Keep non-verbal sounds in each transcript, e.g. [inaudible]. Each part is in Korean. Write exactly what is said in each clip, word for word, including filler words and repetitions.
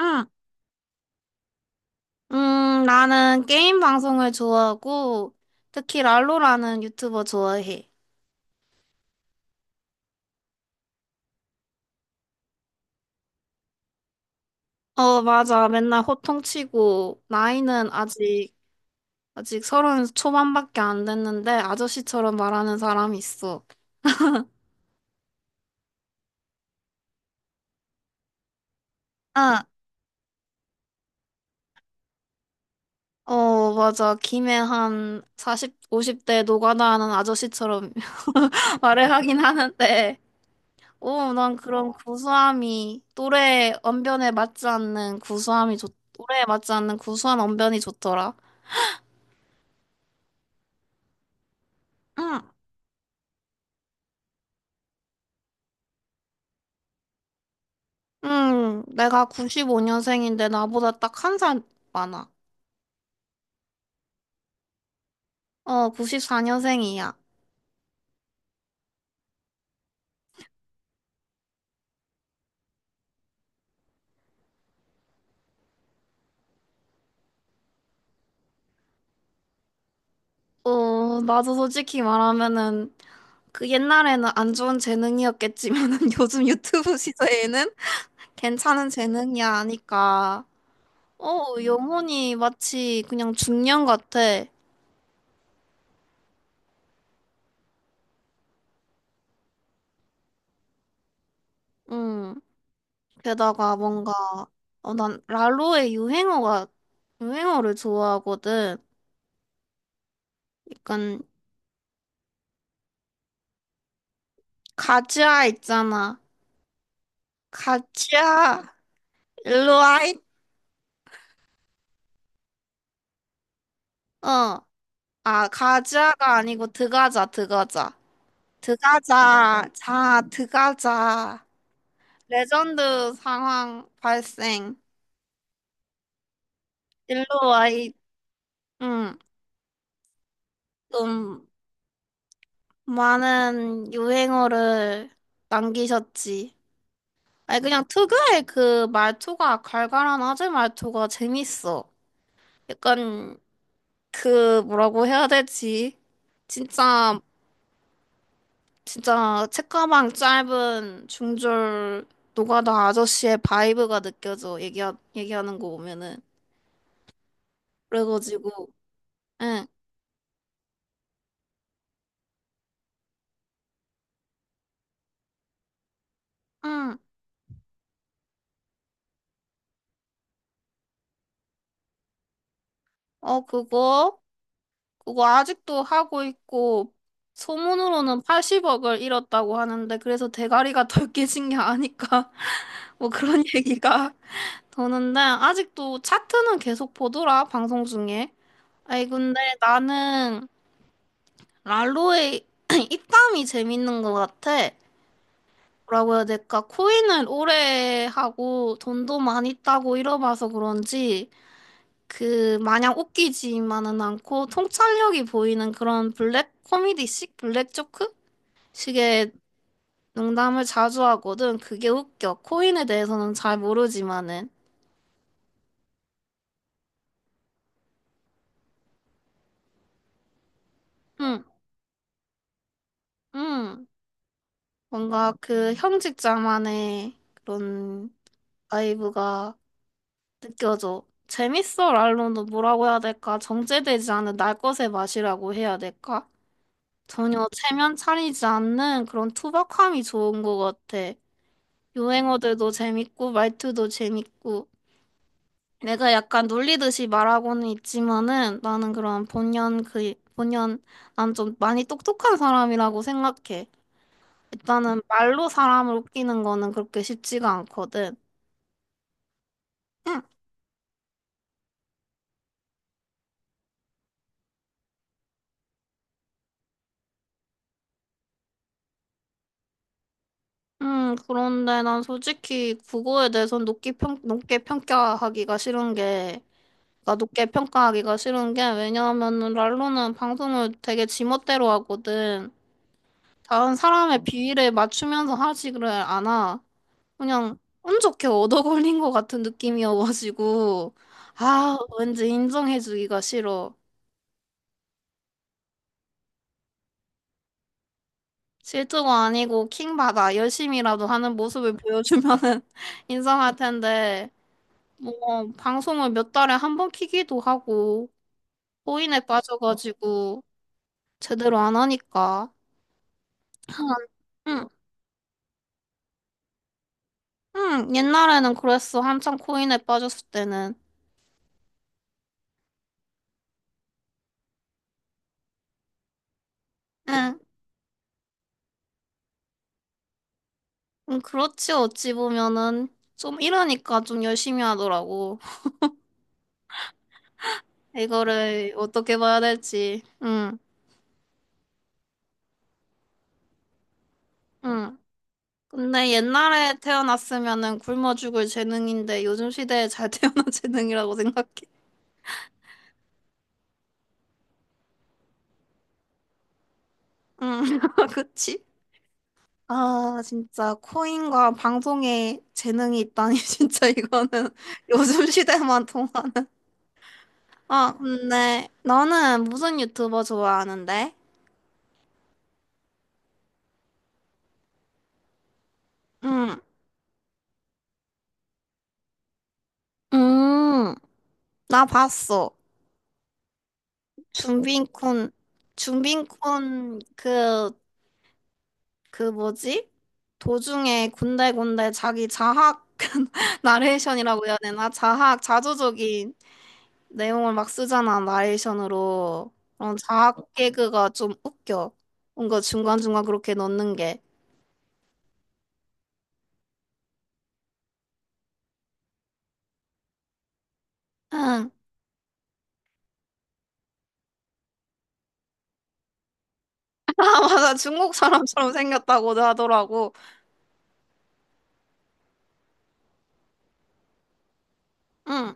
응. 음, 나는 게임 방송을 좋아하고, 특히 랄로라는 유튜버 좋아해. 어, 맞아. 맨날 호통치고, 나이는 아직, 아직 서른 초반밖에 안 됐는데, 아저씨처럼 말하는 사람이 있어. 응. 어, 맞아. 김에 한 사십, 오십 대 노가다 하는 아저씨처럼 [laughs] 말을 하긴 하는데, 오, 난 그런 구수함이, 또래 언변에 맞지 않는 구수함이 좋, 또래에 맞지 않는 구수한 언변이 좋더라. 응, 응, 내가 구십오 년생인데 나보다 딱 한 살 많아. 어, 구십사 년생이야. 어, 나도 솔직히 말하면은 그 옛날에는 안 좋은 재능이었겠지만은 [laughs] 요즘 유튜브 시대에는 괜찮은 재능이야 하니까 어, 영혼이 마치 그냥 중년 같아. 응. 게다가 뭔가 어, 난 랄로의 유행어가 유행어를 좋아하거든. 약간 가즈아 있잖아. 가즈아 일로 와이? 어. 아, 가자가 아니고 드가자, 드가자. 드가자, 자, 드가자. 레전드 상황 발생. 일로 와이. 응. 좀 많은 유행어를 남기셨지. 아니, 그냥 특유의 그 말투가, 갈갈한 아재 말투가 재밌어. 약간, 그, 뭐라고 해야 되지? 진짜 진짜 책가방 짧은 중졸 노가다 아저씨의 바이브가 느껴져 얘기하, 얘기하는 거 보면은 그래가지고 응, 응, 어 그거 그거 아직도 하고 있고, 소문으로는 팔십억을 잃었다고 하는데 그래서 대가리가 덜 깨진 게 아닐까 [laughs] 뭐 그런 얘기가 도는데 아직도 차트는 계속 보더라, 방송 중에. 아이 근데 나는 랄로의 [clears throat] 입담이 재밌는 것 같아. 뭐라고 해야 될까? 코인을 오래 하고 돈도 많이 따고 이러봐서 그런지 그 마냥 웃기지만은 않고 통찰력이 보이는 그런 블랙 코미디식 블랙 조크 식의 농담을 자주 하거든. 그게 웃겨. 코인에 대해서는 잘 모르지만은. 응, 응. 뭔가 그 형식자만의 그런 바이브가 느껴져. 재밌어, 랄론도 뭐라고 해야 될까? 정제되지 않은 날 것의 맛이라고 해야 될까? 전혀 체면 차리지 않는 그런 투박함이 좋은 것 같아. 유행어들도 재밌고, 말투도 재밌고. 내가 약간 놀리듯이 말하고는 있지만은 나는 그런 본연 그, 본연, 난 좀 많이 똑똑한 사람이라고 생각해. 일단은 말로 사람을 웃기는 거는 그렇게 쉽지가 않거든. 응. 음, 그런데 난 솔직히 국어에 대해서 높게 평, 높게 평가하기가 싫은 게 나 높게 평가하기가 싫은 게 왜냐하면은 랄로는 방송을 되게 지멋대로 하거든. 다른 사람의 비위를 맞추면서 하지를 않아. 그냥 운 좋게 얻어 걸린 것 같은 느낌이어가지고 아 왠지 인정해주기가 싫어. 실수가 아니고 킹받아. 열심히라도 하는 모습을 보여주면은 [laughs] 인정할 텐데, 뭐 방송을 몇 달에 한 번 키기도 하고 호인에 빠져가지고 제대로 안 하니까. [clears throat] 응. 응, 옛날에는 그랬어. 한창 코인에 빠졌을 때는. 응, 응, 그렇지. 어찌 보면은 좀 이러니까 좀 열심히 하더라고. 이거를 어떻게 봐야 될지. 응, 응. 근데 옛날에 태어났으면은 굶어 죽을 재능인데 요즘 시대에 잘 태어난 [laughs] 재능이라고 생각해. 응, [laughs] 그치? 아, 진짜 코인과 방송에 재능이 있다니 [laughs] 진짜 이거는 [laughs] 요즘 시대만 통하는. 아, 근데 너는 무슨 유튜버 좋아하는데? 응. 음, 나 봤어. 준빈콘, 준빈콘 그, 그 뭐지? 도중에 군데군데 자기 자학 [laughs] 나레이션이라고 해야 되나? 자학, 자조적인 내용을 막 쓰잖아, 나레이션으로. 그런 자학 개그가 좀 웃겨. 뭔가 중간중간 그렇게 넣는 게. 응. [laughs] 아, 맞아. 중국 사람처럼 생겼다고 하더라고. 응.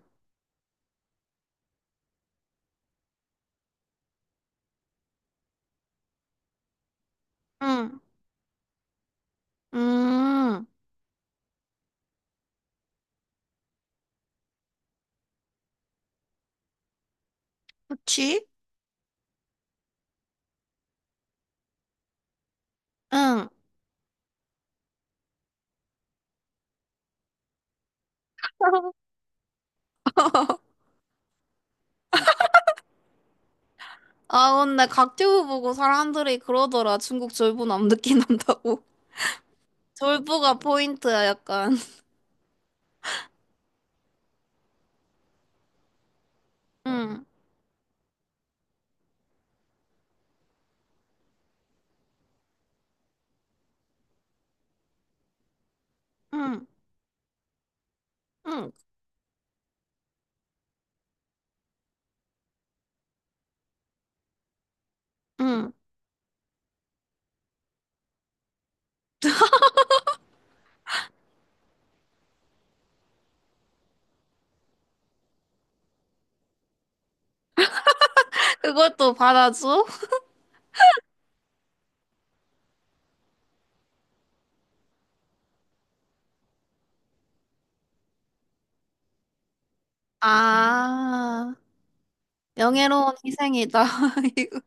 응. 음, 그치? 응. [laughs] 아, 근데 각튜브 보고 사람들이 그러더라. 중국 졸부 남느끼 난다고. [laughs] 졸부가 포인트야, 약간. 응, 응, 응, 응. 그걸 또 받아줘? 아, 명예로운 희생이다. [laughs] 이거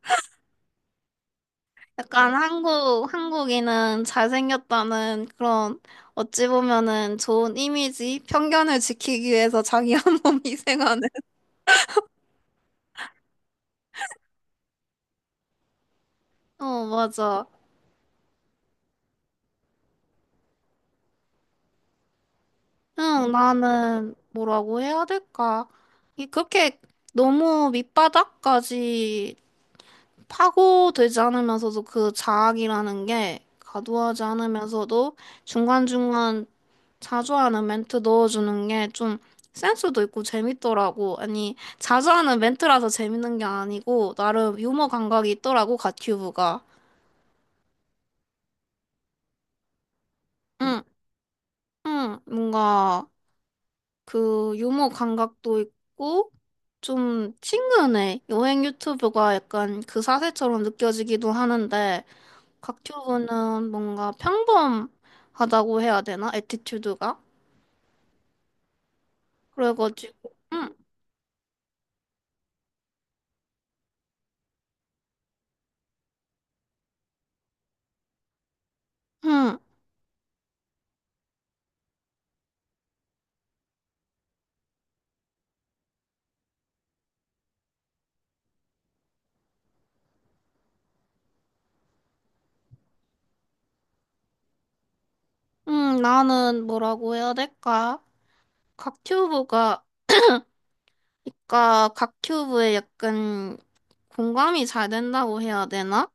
약간 한국, 한국인은 잘생겼다는 그런, 어찌 보면은 좋은 이미지, 편견을 지키기 위해서 자기 [laughs] 한 몸 희생하는. [laughs] 어, 맞아. 응, 나는 뭐라고 해야 될까? 이 그렇게 너무 밑바닥까지 파고들지 않으면서도 그 자학이라는 게 과도하지 않으면서도 중간중간 자주 하는 멘트 넣어주는 게 좀 센스도 있고 재밌더라고. 아니, 자주 하는 멘트라서 재밌는 게 아니고 나름 유머 감각이 있더라고, 갓큐브가. 응, 응, 뭔가. 그 유머 감각도 있고 좀 친근해. 여행 유튜브가 약간 그 사세처럼 느껴지기도 하는데 곽튜브는 뭔가 평범하다고 해야 되나? 애티튜드가? 그래가지고 음, 음, 음, 나는 뭐라고 해야 될까? 곽튜브가, 그러니까 곽튜브에 약간 공감이 잘 된다고 해야 되나?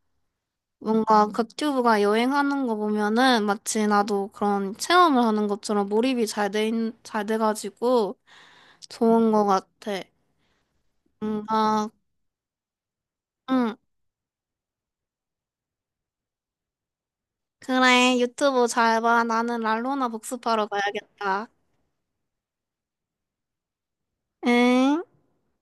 뭔가 극튜브가 여행하는 거 보면은 마치 나도 그런 체험을 하는 것처럼 몰입이 잘 돼, 있- 잘 돼가지고 좋은 거 같아. 뭔가, 응. 그래, 유튜브 잘 봐. 나는 랄로나 복습하러 가야겠다. 응?